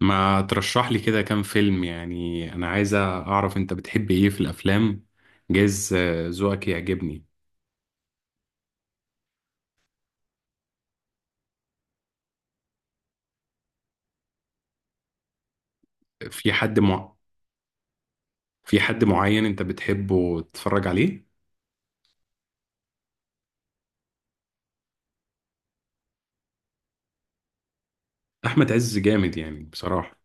ما ترشح لي كده كام فيلم، يعني انا عايزة اعرف انت بتحب ايه في الافلام؟ جايز، ذوقك يعجبني. في حد مع... في حد معين انت بتحبه تتفرج عليه؟ احمد عز جامد يعني، بصراحة.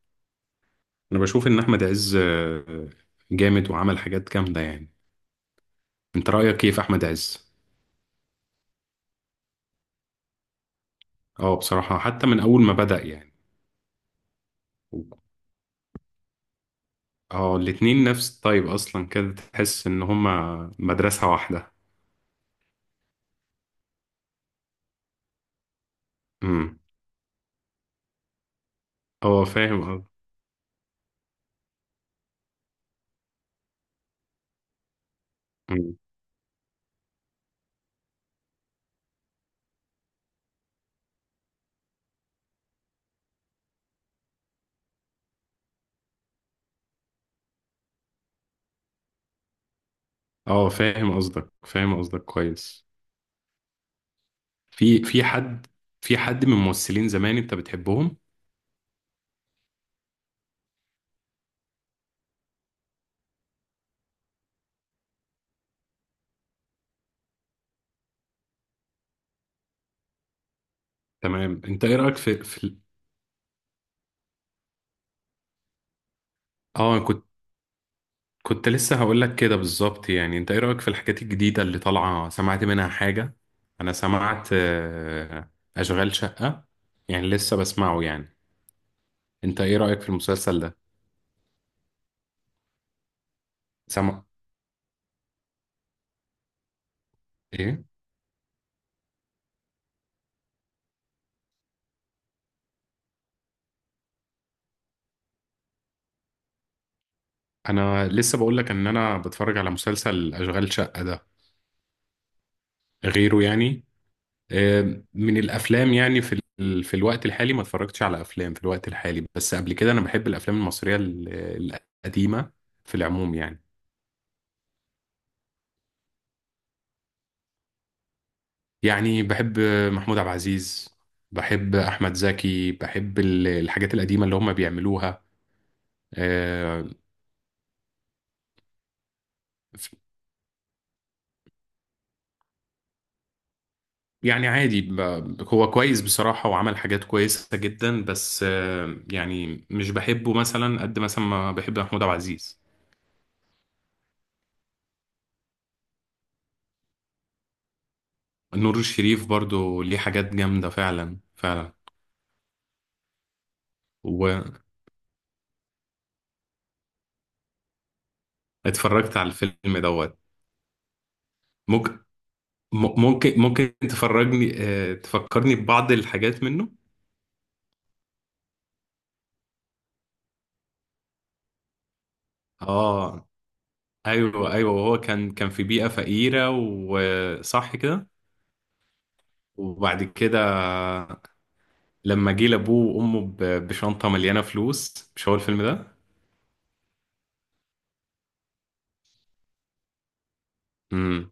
انا بشوف ان احمد عز جامد وعمل حاجات جامدة يعني. انت رأيك ايه في احمد عز؟ اه، بصراحة حتى من اول ما بدأ يعني. اه، الاتنين نفس الطيب اصلا، كده تحس ان هما مدرسة واحدة. امم. اه، فاهم. اه، اه، فاهم قصدك، فاهم قصدك كويس. في في حد في حد من ممثلين زمان انت بتحبهم؟ تمام، انت ايه رأيك؟ اه، أنا كنت لسه هقول لك كده بالظبط، يعني انت ايه رأيك في الحاجات الجديدة اللي طالعة؟ سمعت منها حاجة؟ انا سمعت اشغال شقة، يعني لسه بسمعه يعني. انت ايه رأيك في المسلسل ده؟ سمع ايه؟ انا لسه بقول لك ان انا بتفرج على مسلسل اشغال شقة ده. غيره يعني. من الافلام يعني، في في الوقت الحالي ما اتفرجتش على افلام في الوقت الحالي، بس قبل كده انا بحب الافلام المصريه القديمه في العموم يعني. يعني بحب محمود عبد العزيز، بحب احمد زكي، بحب الحاجات القديمه اللي هم بيعملوها. آه، يعني عادي، هو كويس بصراحه، وعمل حاجات كويسه جدا، بس يعني مش بحبه مثلا قد مثلا ما بحب محمود عبد العزيز. نور الشريف برضو ليه حاجات جامده فعلا فعلا. اتفرجت على الفيلم دوت. ممكن م- ممكن ممكن تفرجني آه، تفكرني ببعض الحاجات منه. اه، ايوه ايوه، وهو كان في بيئة فقيرة وصح كده. وبعد كده لما جه لابوه وامه بشنطة مليانة فلوس، مش هو الفيلم ده؟ امم.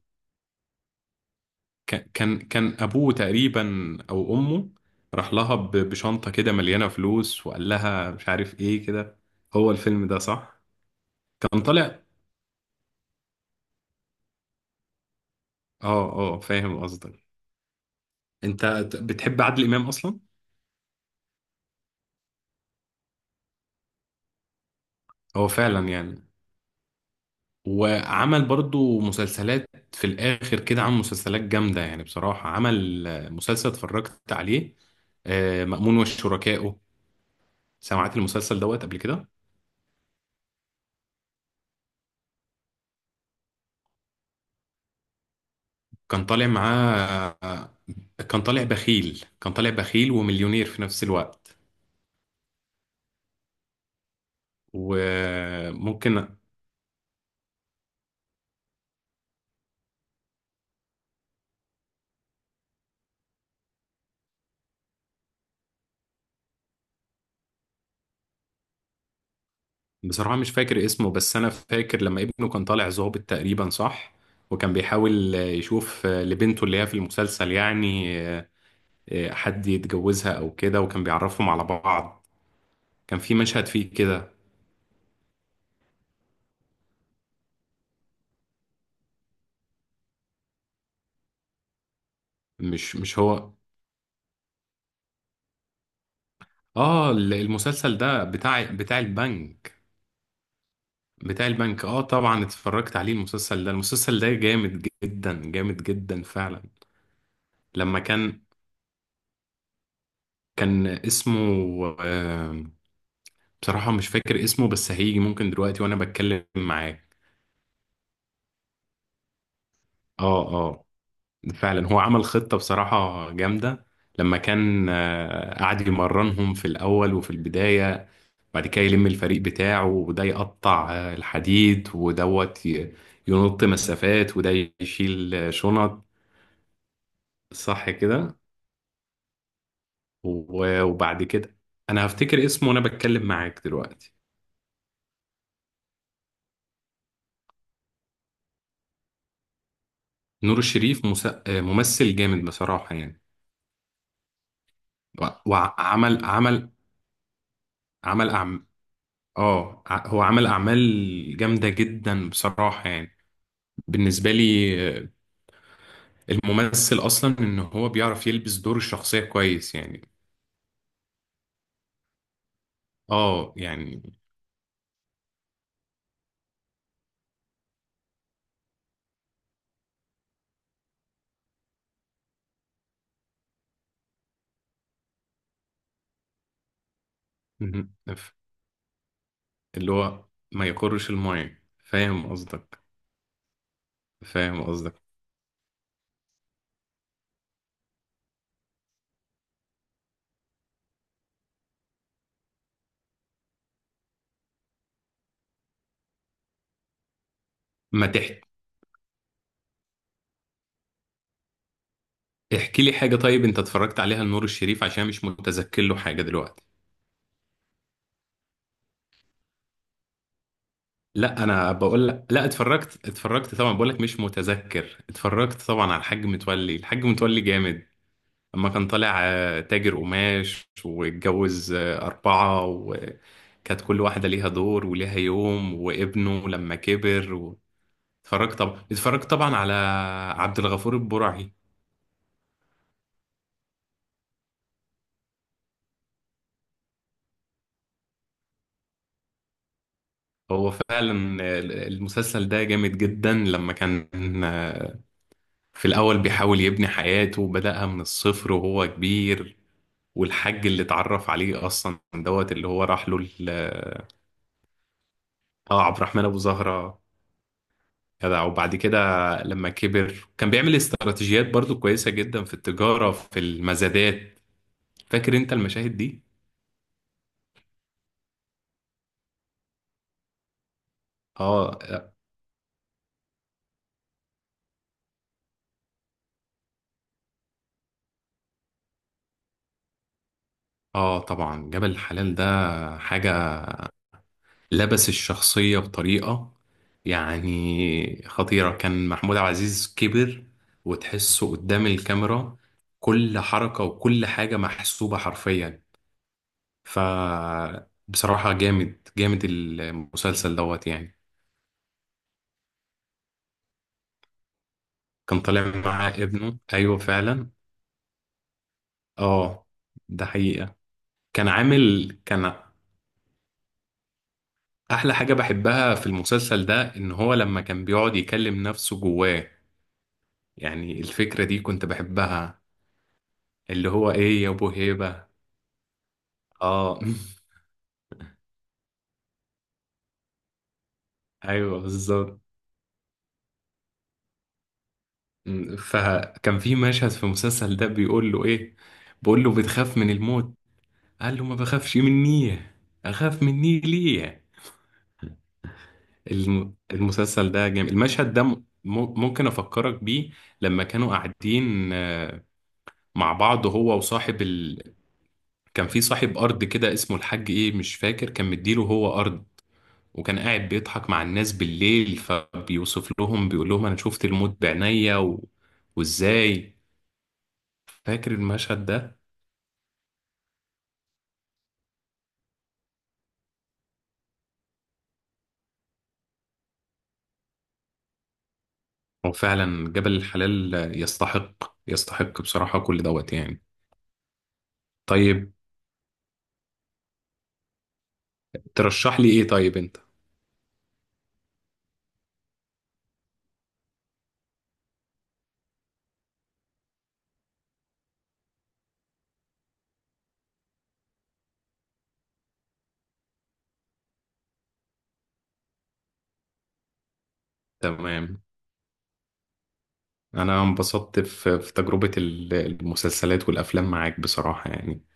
كان ابوه تقريبا او امه، راح لها بشنطة كده مليانة فلوس، وقال لها مش عارف ايه كده. هو الفيلم ده صح؟ كان طالع. اه، اه، فاهم قصدك. انت بتحب عادل امام اصلا؟ هو فعلا يعني، وعمل برضو مسلسلات في الاخر كده. عمل مسلسلات جامده يعني بصراحه، عمل مسلسل اتفرجت عليه، مأمون وشركائه. سمعت المسلسل دوت قبل كده؟ كان طالع معاه آه، كان طالع بخيل، كان طالع بخيل ومليونير في نفس الوقت. وممكن. بصراحة مش فاكر اسمه، بس أنا فاكر لما ابنه كان طالع ظابط تقريبا، صح. وكان بيحاول يشوف لبنته اللي هي في المسلسل يعني، حد يتجوزها أو كده، وكان بيعرفهم على بعض. كان في مشهد فيه كده. مش هو. المسلسل ده بتاع البنك. بتاع البنك، آه طبعا اتفرجت عليه. المسلسل ده، المسلسل ده جامد جدا، جامد جدا فعلا. لما كان كان اسمه، بصراحة مش فاكر اسمه، بس هيجي ممكن دلوقتي وانا بتكلم معاك. اه، اه، فعلا. هو عمل خطة بصراحة جامدة، لما كان قعد يمرنهم في الأول وفي البداية. بعد كده يلم الفريق بتاعه، وده يقطع الحديد، ودوت ينط مسافات، وده يشيل شنط، صح كده. وبعد كده أنا هفتكر اسمه وانا بتكلم معاك دلوقتي. نور الشريف ممثل جامد بصراحة يعني. و- وعمل عمل عمل أعمال. اه، هو عمل اعمال جامده جدا بصراحه يعني، بالنسبه لي آه، الممثل اصلا ان هو بيعرف يلبس دور الشخصيه كويس يعني. اه يعني مهم. اللي هو ما يقرش المايه، فاهم قصدك؟ فاهم قصدك، ما تحكي. احكي لي حاجه طيب انت اتفرجت عليها لنور الشريف، عشان مش متذكر له حاجه دلوقتي. لا، انا بقول لك لا، اتفرجت طبعا، بقول لك مش متذكر. اتفرجت طبعا على الحاج متولي، الحاج متولي جامد. لما كان طالع تاجر قماش، واتجوز أربعة، وكانت كل واحدة ليها دور وليها يوم، وابنه لما كبر و... اتفرجت طبعا، اتفرجت طبعا على عبد الغفور البرعي. هو فعلا المسلسل ده جامد جدا، لما كان آه، في الأول بيحاول يبني حياته، وبدأها من الصفر وهو كبير. والحاج اللي اتعرف عليه أصلا دوت، اللي هو راح له اه، عبد الرحمن أبو زهرة، جدع. وبعد كده لما كبر كان بيعمل استراتيجيات برضو كويسة جدا في التجارة، في المزادات. فاكر انت المشاهد دي؟ اه، اه طبعا، جبل الحلال ده حاجة. لبس الشخصية بطريقة يعني خطيرة، كان محمود عبد العزيز كبر، وتحسه قدام الكاميرا كل حركة وكل حاجة محسوبة حرفيا. ف بصراحة جامد جامد المسلسل دوت يعني. كان طالع مع ابنه، ايوه فعلا. اه، ده حقيقة. كان عامل كان أحلى حاجة بحبها في المسلسل ده إن هو لما كان بيقعد يكلم نفسه جواه، يعني الفكرة دي كنت بحبها. اللي هو إيه يا أبو هيبة. اه، أيوه بالظبط. فكان في مشهد في المسلسل ده بيقول له إيه، بيقول له بتخاف من الموت؟ قال له ما بخافش مني، أخاف مني ليه. المسلسل ده جامد، المشهد ده ممكن أفكرك بيه. لما كانوا قاعدين مع بعض، هو كان في صاحب أرض كده اسمه الحاج إيه، مش فاكر، كان مديله هو أرض. وكان قاعد بيضحك مع الناس بالليل، فبيوصف لهم بيقول لهم أنا شفت الموت بعينيا و... وإزاي. فاكر المشهد ده؟ هو فعلا جبل الحلال يستحق، يستحق بصراحة كل دوت يعني. طيب، ترشح لي إيه طيب أنت؟ تمام، أنا انبسطت في تجربة المسلسلات والأفلام معاك بصراحة يعني.